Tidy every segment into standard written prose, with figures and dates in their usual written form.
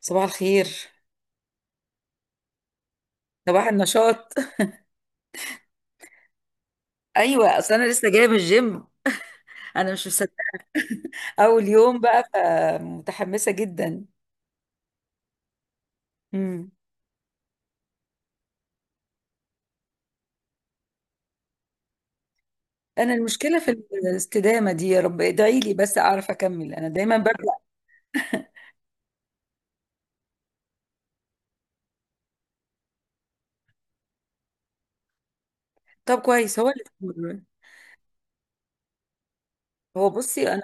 صباح الخير. صباح النشاط. ايوه، اصل انا لسه جايه من الجيم. انا مش مصدقه. اول يوم بقى، فمتحمسه جدا. امم. انا المشكله في الاستدامه دي، يا رب ادعي لي بس اعرف اكمل، انا دايما ببدا. طب كويس هو اللي استمر. هو بصي، انا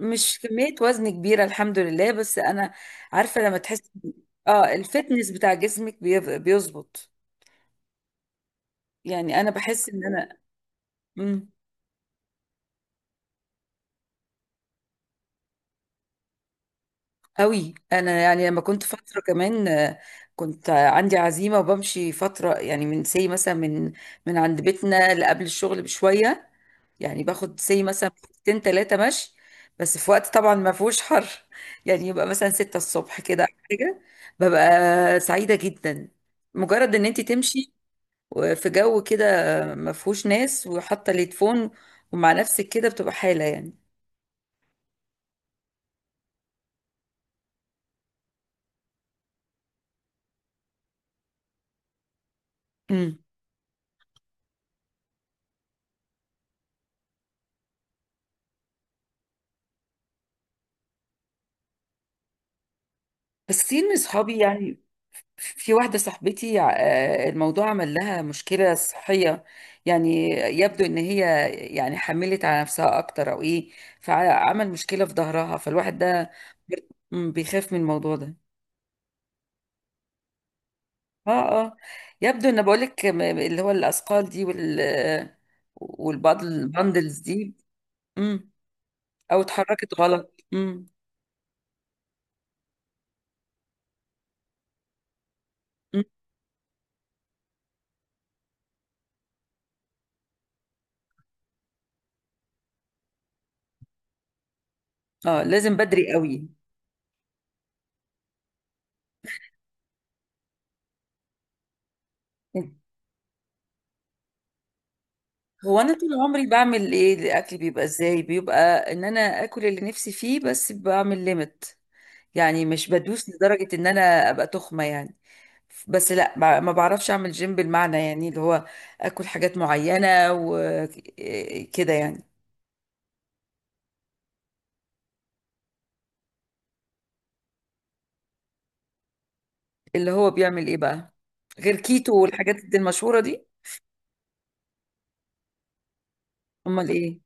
مش كميه وزن كبيره الحمد لله، بس انا عارفه لما تحس. اه، الفتنس بتاع جسمك بيظبط. يعني انا بحس ان انا مم. قوي. انا يعني لما كنت فتره كمان، كنت عندي عزيمه وبمشي فتره، يعني من سي مثلا، من عند بيتنا لقبل الشغل بشويه. يعني باخد سي مثلا ساعتين ثلاثه مشي. بس في وقت طبعا ما فيهوش حر. يعني يبقى مثلا 6 الصبح كده أو حاجه. ببقى سعيده جدا، مجرد ان انت تمشي في جو كده ما فيهوش ناس، وحاطه الهيدفون ومع نفسك كده، بتبقى حاله يعني. بس كتير من صحابي يعني، في واحدة صاحبتي، الموضوع عمل لها مشكلة صحية. يعني يبدو ان هي يعني حملت على نفسها اكتر او ايه، فعمل مشكلة في ظهرها، فالواحد ده بيخاف من الموضوع ده. اه اه. يبدو ان، بقولك، اللي هو الاثقال دي والبندلز دي. مم. او اتحركت غلط. مم. مم. اه لازم بدري قوي. هو انا طول عمري بعمل ايه، الاكل بيبقى ازاي، بيبقى ان انا اكل اللي نفسي فيه بس بعمل ليميت. يعني مش بدوس لدرجة ان انا ابقى تخمة يعني. بس لا، ما بعرفش اعمل جيم بالمعنى، يعني اللي هو اكل حاجات معينة وكده يعني. اللي هو بيعمل ايه بقى، غير كيتو والحاجات دي المشهورة دي؟ امال ايه؟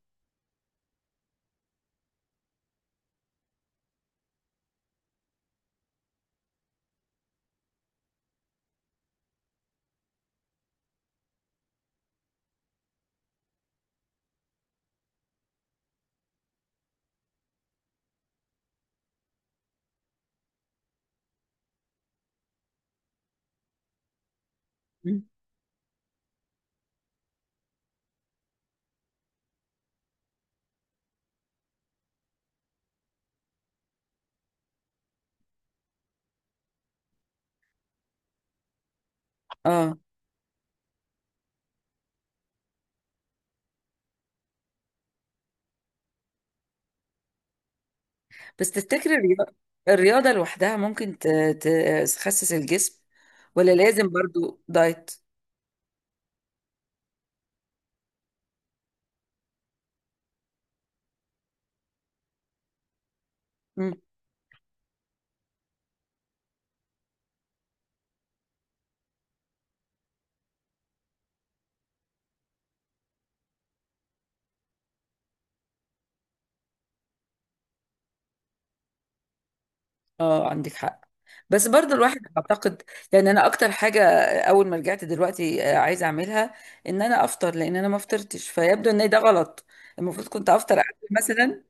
مم. اه، بس تفتكر الرياضة، الرياضة لوحدها ممكن تخسس الجسم ولا لازم برضو دايت؟ اه عندك حق. بس برضو الواحد اعتقد، يعني انا اكتر حاجه اول ما رجعت دلوقتي، عايزه اعملها ان انا افطر، لان انا ما فطرتش فيبدو ان ده غلط. المفروض كنت افطر قبل مثلا.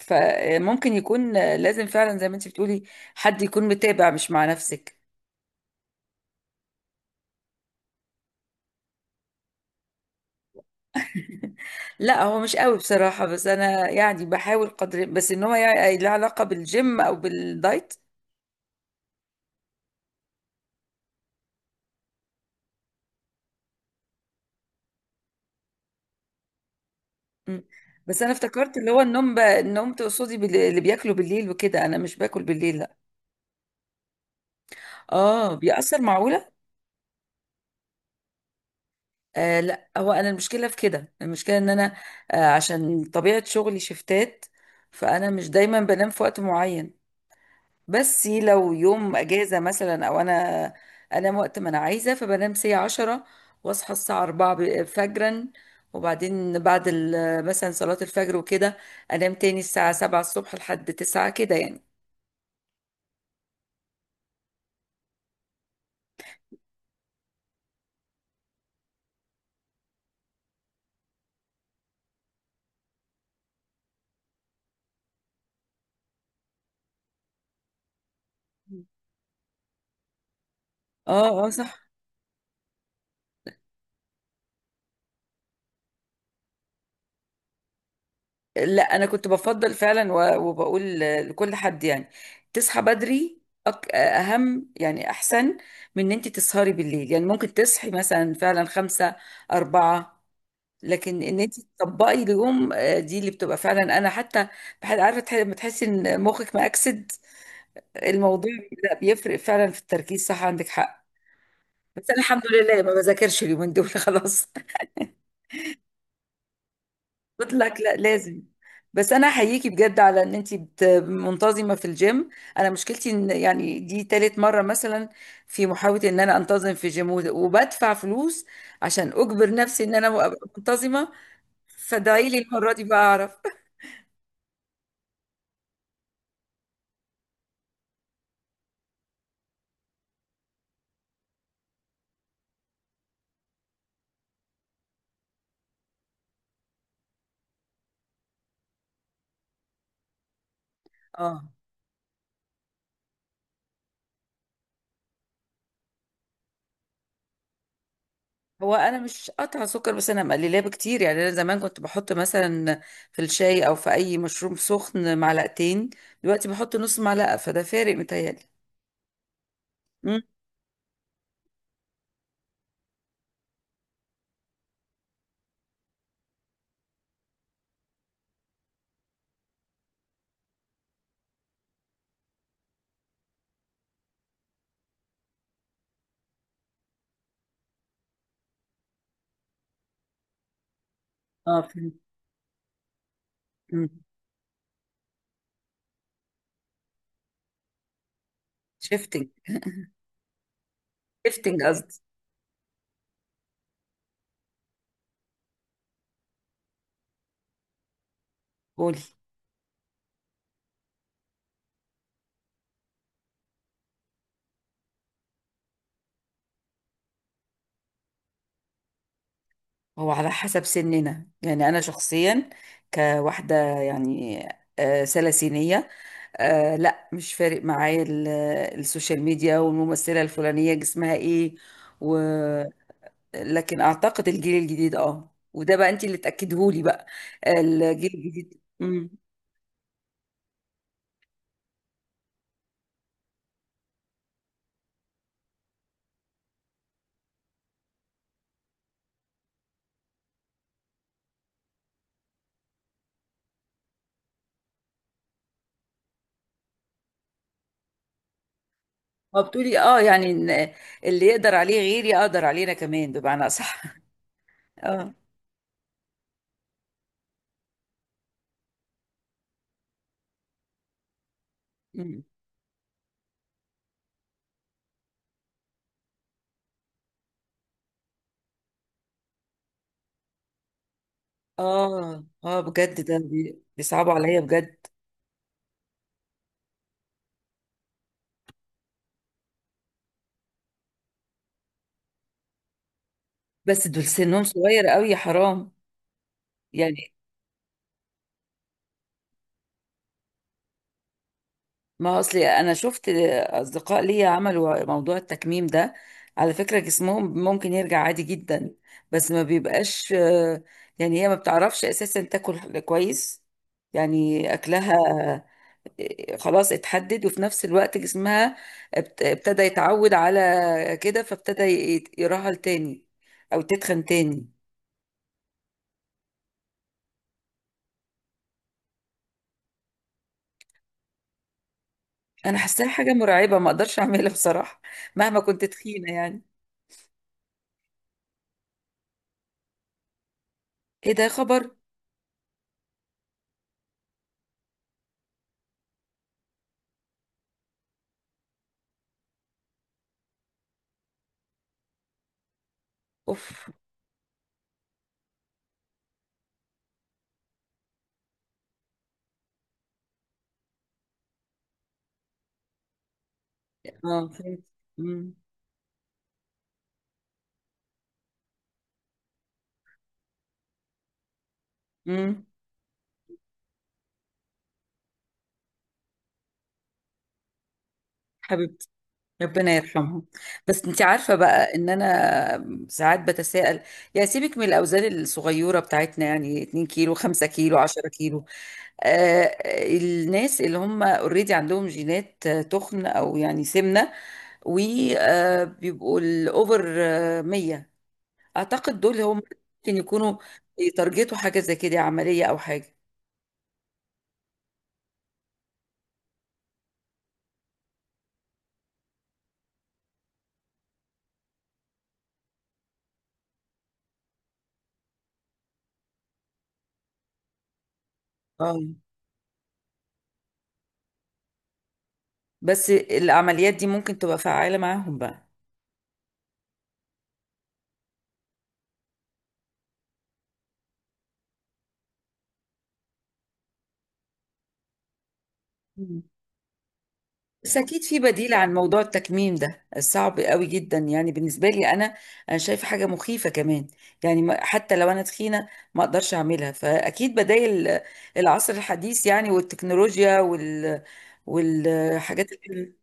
فممكن يكون، لازم فعلا زي ما انت بتقولي، حد يكون متابع مش مع نفسك. لا، هو مش قوي بصراحه، بس انا يعني بحاول قدر، بس ان هو يعني له علاقه بالجيم او بالدايت. مم. بس انا افتكرت اللي هو النوم، النوم تقصدي اللي بياكلوا بالليل وكده، انا مش باكل بالليل لا. اه بيأثر، معقولة؟ آه لا، هو انا المشكلة في كده، المشكلة ان انا، عشان طبيعة شغلي شفتات، فانا مش دايما بنام في وقت معين. بس لو يوم اجازة مثلا، او انا انام وقت ما انا عايزة، فبنام الساعة 10، واصحى الساعة 4 فجرا. وبعدين بعد مثلا صلاة الفجر وكده، انام تاني الساعة 7 الصبح لحد 9 كده يعني. اه اه صح. لا انا كنت بفضل فعلا، وبقول لكل حد يعني تصحى بدري، اهم يعني احسن من ان انت تسهري بالليل، يعني ممكن تصحي مثلا فعلا خمسة، اربعة، لكن ان انت تطبقي اليوم، دي اللي بتبقى فعلا. انا حتى بحد عارفه، لما تحسي ان مخك مأكسد الموضوع، لا بيفرق فعلا في التركيز، صح عندك حق. بس انا الحمد لله ما بذاكرش اليومين دول خلاص. مطلق، لا لازم. بس انا احييكي بجد على ان انتي منتظمه في الجيم. انا مشكلتي ان يعني دي تالت مره مثلا في محاوله ان انا انتظم في الجيم، وبدفع فلوس عشان اجبر نفسي ان انا ابقى منتظمه. فادعي لي المره دي بقى اعرف. اه، هو انا مش قطع سكر، بس انا مقللاه بكتير، يعني انا زمان كنت بحط مثلا في الشاي او في اي مشروب سخن معلقتين. دلوقتي بحط نص معلقه، فده فارق متهيألي. مم. اه فهمت. شيفتنج، شيفتنج قصدي. قولي. هو على حسب سننا، يعني أنا شخصيا كواحدة يعني، سلاسينية، لا مش فارق معايا السوشيال ميديا والممثلة الفلانية جسمها ايه و... لكن أعتقد الجيل الجديد، اه وده بقى انت اللي تأكدهولي بقى، الجيل الجديد. امم. هو بتقولي اه، يعني إن اللي يقدر عليه غيري أقدر علينا كمان، بمعنى أصح. اه. مم. اه اه بجد، ده بيصعبوا عليا بجد. بس دول سنهم صغير قوي يا حرام يعني. ما اصلي انا شفت اصدقاء ليا عملوا موضوع التكميم ده، على فكرة جسمهم ممكن يرجع عادي جدا، بس ما بيبقاش، يعني هي ما بتعرفش اساسا تاكل كويس. يعني اكلها، خلاص اتحدد، وفي نفس الوقت جسمها ابتدى يتعود على كده، فابتدى يرهل تاني او تتخن تاني. انا حاساها حاجة مرعبة ما اقدرش اعملها بصراحة، مهما كنت تخينة يعني. ايه ده خبر! اوف. اه فهمت. امم امم. حبيبتي، ربنا يرحمها. بس انت عارفه بقى ان انا ساعات بتساءل، يا سيبك من الاوزان الصغيره بتاعتنا يعني 2 كيلو 5 كيلو 10 كيلو، آه الناس اللي هم اوريدي عندهم جينات، تخن او يعني سمنه، وبيبقوا الاوفر 100، اعتقد دول هم ممكن يكونوا يتارجتوا حاجه زي كده، عمليه او حاجه. اه بس العمليات دي ممكن تبقى فعالة معاهم بقى. مم. بس اكيد في بديل عن موضوع التكميم ده، صعب قوي جدا يعني بالنسبه لي انا. انا شايفه حاجه مخيفه كمان، يعني، حتى لو انا تخينه ما اقدرش اعملها، فاكيد بدائل العصر الحديث، يعني والتكنولوجيا والحاجات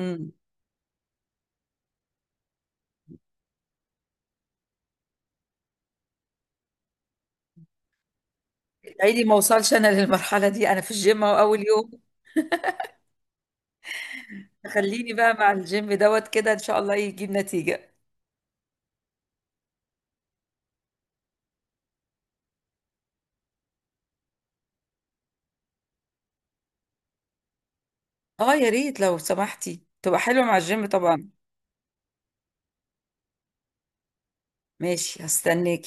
مم. عيني ما اوصلش انا للمرحله دي، انا في الجيم أهو اول يوم. خليني بقى مع الجيم دوت كده، ان شاء الله يجيب نتيجه. اه يا ريت لو سمحتي، تبقى حلوه مع الجيم طبعا. ماشي هستناك.